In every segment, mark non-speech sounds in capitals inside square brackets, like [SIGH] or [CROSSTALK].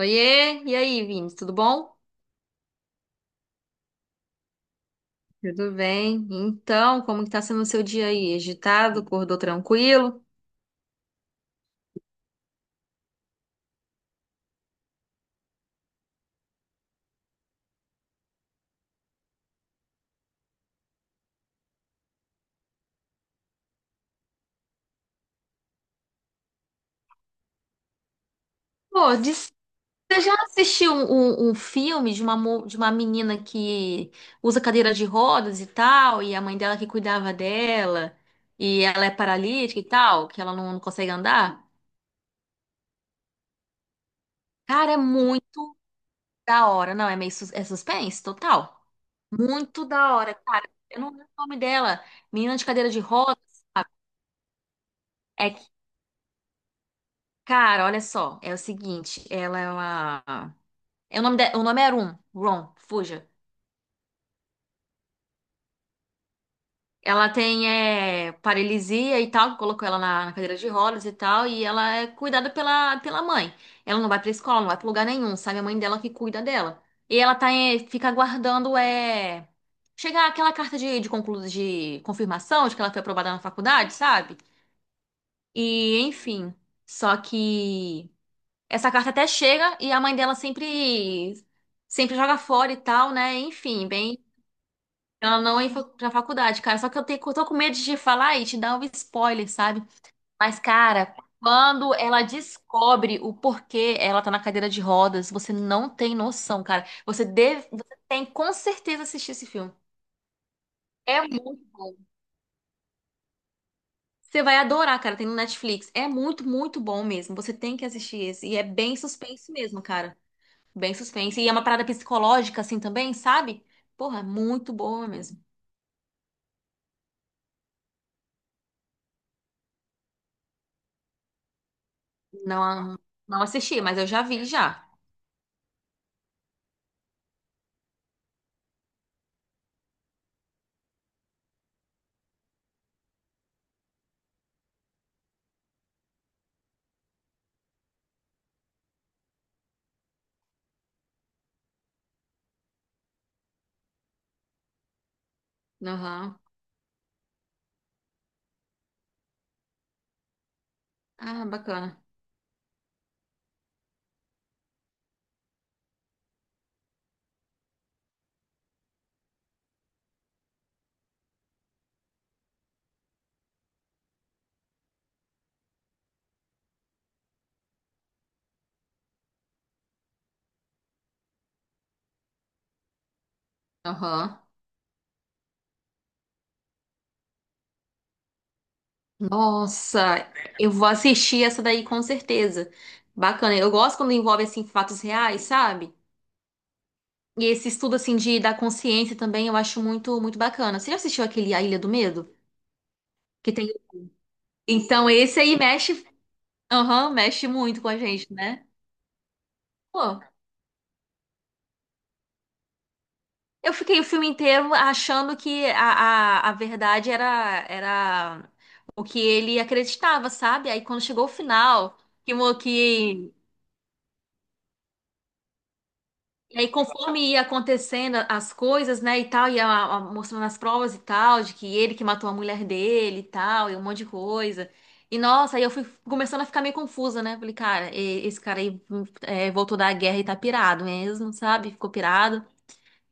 Oiê, e aí, Vini, tudo bom? Tudo bem. Então, como que tá sendo o seu dia aí? Agitado? Acordou tranquilo? Pô, você já assistiu um filme de de uma menina que usa cadeira de rodas e tal, e a mãe dela que cuidava dela, e ela é paralítica e tal, que ela não consegue andar? Cara, é muito da hora. Não, é é suspense total. Muito da hora, cara. Eu não lembro o nome dela. Menina de cadeira de rodas. é Cara, olha só, é o seguinte, ela é uma. É, o nome é Rum, Ron, fuja. Ela tem paralisia e tal, que colocou ela na cadeira de rodas e tal, e ela é cuidada pela mãe. Ela não vai pra escola, não vai pra lugar nenhum, sabe? A mãe dela que cuida dela. E ela tá, fica aguardando chegar aquela carta de confirmação de que ela foi aprovada na faculdade, sabe? E, enfim. Só que. Essa carta até chega e a mãe dela sempre joga fora e tal, né? Enfim, bem, ela não pra faculdade, cara. Só que eu tô com medo de te falar e te dar um spoiler, sabe? Mas, cara, quando ela descobre o porquê ela tá na cadeira de rodas, você não tem noção, cara. Você tem com certeza assistir esse filme. É muito bom. Você vai adorar, cara. Tem no Netflix. É muito, muito bom mesmo. Você tem que assistir esse. E é bem suspense mesmo, cara. Bem suspense. E é uma parada psicológica, assim, também, sabe? Porra, é muito boa mesmo. Não, não assisti, mas eu já vi já. Aham. Ah, bacana. Aham. Nossa, eu vou assistir essa daí com certeza. Bacana. Eu gosto quando envolve, assim, fatos reais, sabe? E esse estudo, assim, da consciência também eu acho muito, muito bacana. Você já assistiu aquele A Ilha do Medo? Que tem... Então, esse aí mexe... Aham, mexe muito com a gente, né? Pô. Eu fiquei o filme inteiro achando que a verdade era o que ele acreditava, sabe? Aí quando chegou o final, que, mo- que e aí conforme ia acontecendo as coisas, né, e tal, mostrando as provas e tal, de que ele que matou a mulher dele e tal, e um monte de coisa. E nossa, aí eu fui começando a ficar meio confusa, né? Falei, cara, esse cara aí voltou da guerra e tá pirado mesmo, sabe? Ficou pirado.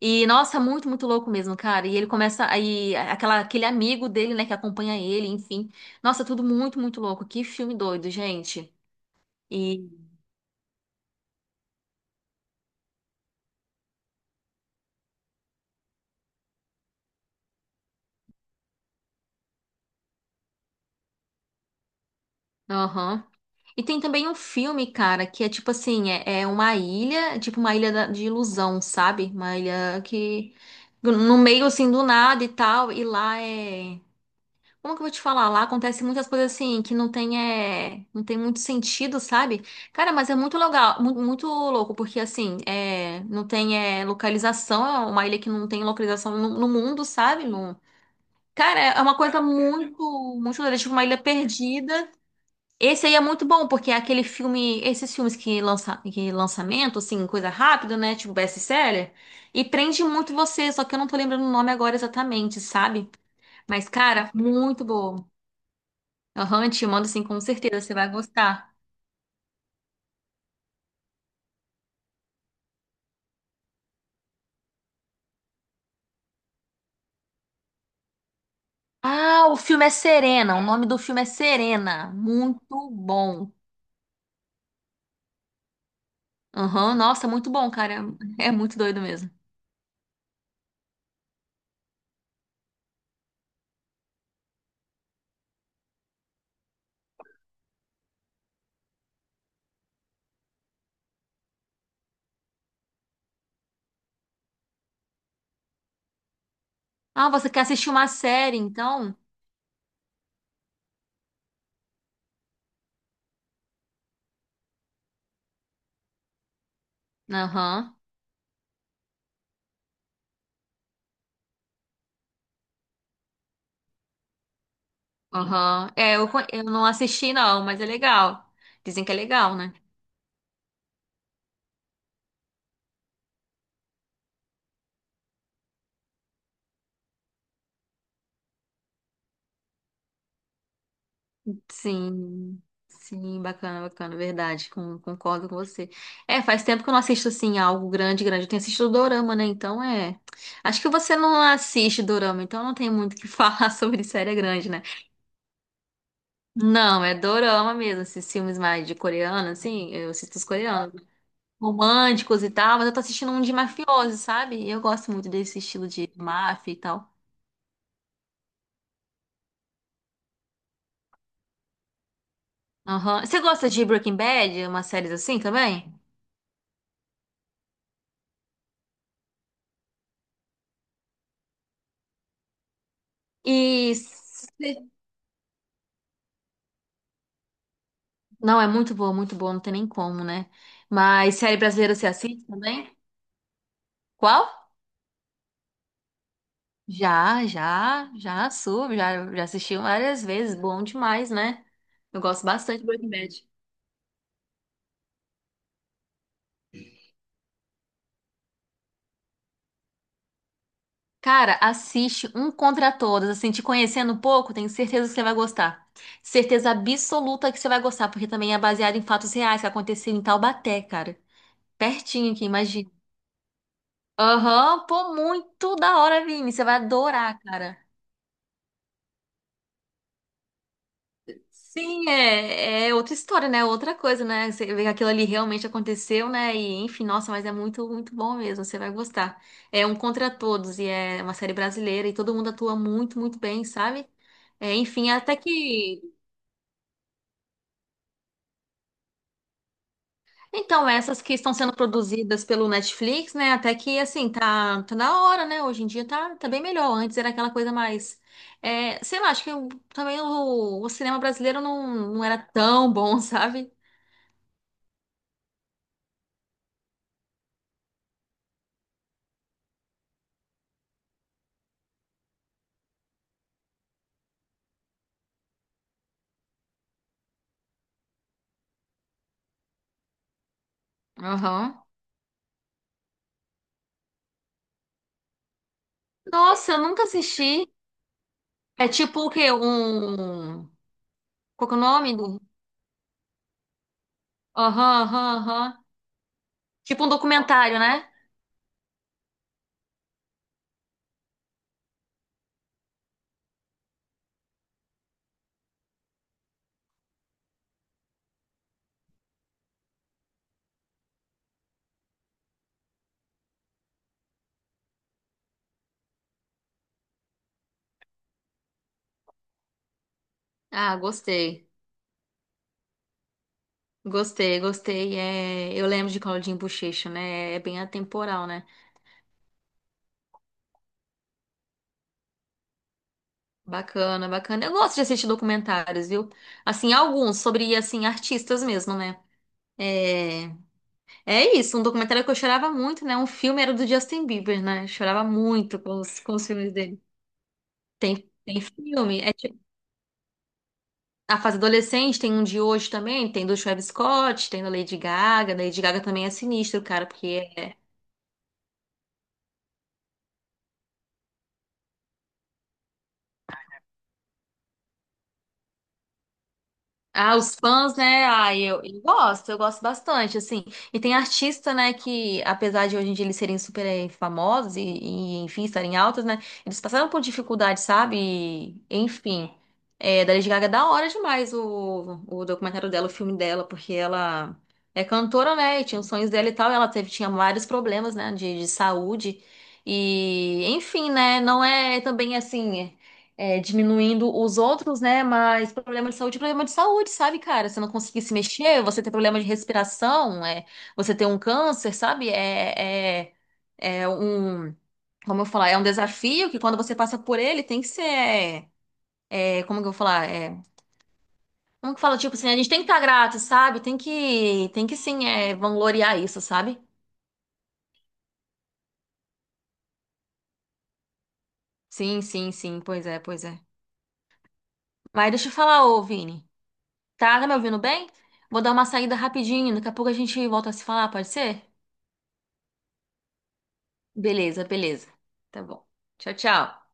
E, nossa, muito, muito louco mesmo, cara. E ele começa aí, aquele amigo dele, né, que acompanha ele, enfim. Nossa, tudo muito, muito louco. Que filme doido, gente. E, aham. E tem também um filme, cara, que é tipo assim, é uma ilha, tipo uma de ilusão, sabe? Uma ilha que no meio assim do nada e tal, e lá é como que eu vou te falar? Lá acontece muitas coisas assim que não tem, não tem muito sentido, sabe? Cara, mas é muito legal, muito louco, porque assim, não tem localização, é uma ilha que não tem localização no mundo, sabe? Não. Cara, é uma coisa muito, muito legal, tipo uma ilha perdida. Esse aí é muito bom, porque é aquele filme, esses filmes que lança, que lançamento, assim, coisa rápida, né? Tipo best-seller, e prende muito você, só que eu não tô lembrando o nome agora exatamente, sabe? Mas, cara, muito bom. Aham, te mando sim, com certeza, você vai gostar. Ah, o filme é Serena. O nome do filme é Serena. Muito bom. Aham, nossa, muito bom, cara. É muito doido mesmo. Ah, você quer assistir uma série, então? Aham, aham. É, eu não assisti não, mas é legal. Dizem que é legal, né? Sim, sim, bacana, bacana, verdade, concordo com você. É, faz tempo que eu não assisto, assim, algo grande, grande. Eu tenho assistido Dorama, né? Então, é... Acho que você não assiste Dorama, então não tem muito o que [LAUGHS] falar sobre série grande, né? Não, é Dorama mesmo, esses filmes mais de coreano, assim, eu assisto os coreanos, românticos e tal, mas eu tô assistindo um de mafioso, sabe? E eu gosto muito desse estilo de máfia e tal. Aham. Você gosta de Breaking Bad, umas séries assim também? Isso. Não, é muito boa, não tem nem como, né? Mas série brasileira você assiste também? Qual? Já, já, já sou, já, já assisti várias vezes, bom demais, né? Eu gosto bastante de Breaking Bad. Cara, assiste Um Contra Todos, assim, te conhecendo um pouco, tenho certeza que você vai gostar. Certeza absoluta que você vai gostar, porque também é baseado em fatos reais que aconteceram em Taubaté, cara. Pertinho aqui, imagina. Aham, pô, muito da hora, Vini, você vai adorar, cara. Sim, é, é outra história, né? Outra coisa, né? Você vê que aquilo ali realmente aconteceu, né? E enfim, nossa, mas é muito, muito bom mesmo. Você vai gostar. É Um Contra Todos e é uma série brasileira e todo mundo atua muito, muito bem, sabe? É, enfim, até que. Então, essas que estão sendo produzidas pelo Netflix, né? Até que, assim, tá, tá na hora, né? Hoje em dia tá, tá bem melhor. Antes era aquela coisa mais. É, sei lá, acho que também o cinema brasileiro não era tão bom, [LAUGHS] sabe? Aham. Nossa, eu nunca assisti. É tipo o quê? Um. Qual que é o nome? Do. Aham, aham, aham. Tipo um documentário, né? Ah, gostei. Gostei, gostei. É... Eu lembro de Claudinho Bochecha, né? É bem atemporal, né? Bacana, bacana. Eu gosto de assistir documentários, viu? Assim, alguns sobre, assim, artistas mesmo, né? É... é isso, um documentário que eu chorava muito, né? Um filme era do Justin Bieber, né? Chorava muito com com os filmes dele. Tem, tem filme. A fase adolescente tem um de hoje também, tem do Travis Scott, tem da Lady Gaga. Lady Gaga também é sinistro, cara, porque ah, os fãs, né? Ah, eu gosto bastante, assim. E tem artista, né, que apesar de hoje em dia eles serem super famosos enfim, estarem altos, né? Eles passaram por dificuldade, sabe? E, enfim, é, da Lady Gaga é da hora demais o documentário dela, o filme dela, porque ela é cantora, né? E tinha os sonhos dela e tal, e ela tinha vários problemas, né, de saúde. E, enfim, né? Não é também assim é, diminuindo os outros, né? Mas problema de saúde, é problema de saúde, sabe, cara? Você não conseguir se mexer, você ter problema de respiração, é, você ter um câncer, sabe? É um, como eu falar, é um desafio que quando você passa por ele tem que ser, como que eu vou falar, é, como que fala, tipo assim, a gente tem que estar grato, sabe? Tem que sim, é, vangloriar isso, sabe? Sim, sim, sim, pois é, pois é. Mas deixa eu falar, ô Vini, tá, tá me ouvindo bem? Vou dar uma saída rapidinho, daqui a pouco a gente volta a se falar, pode ser? Beleza, beleza. Tá bom. Tchau, tchau.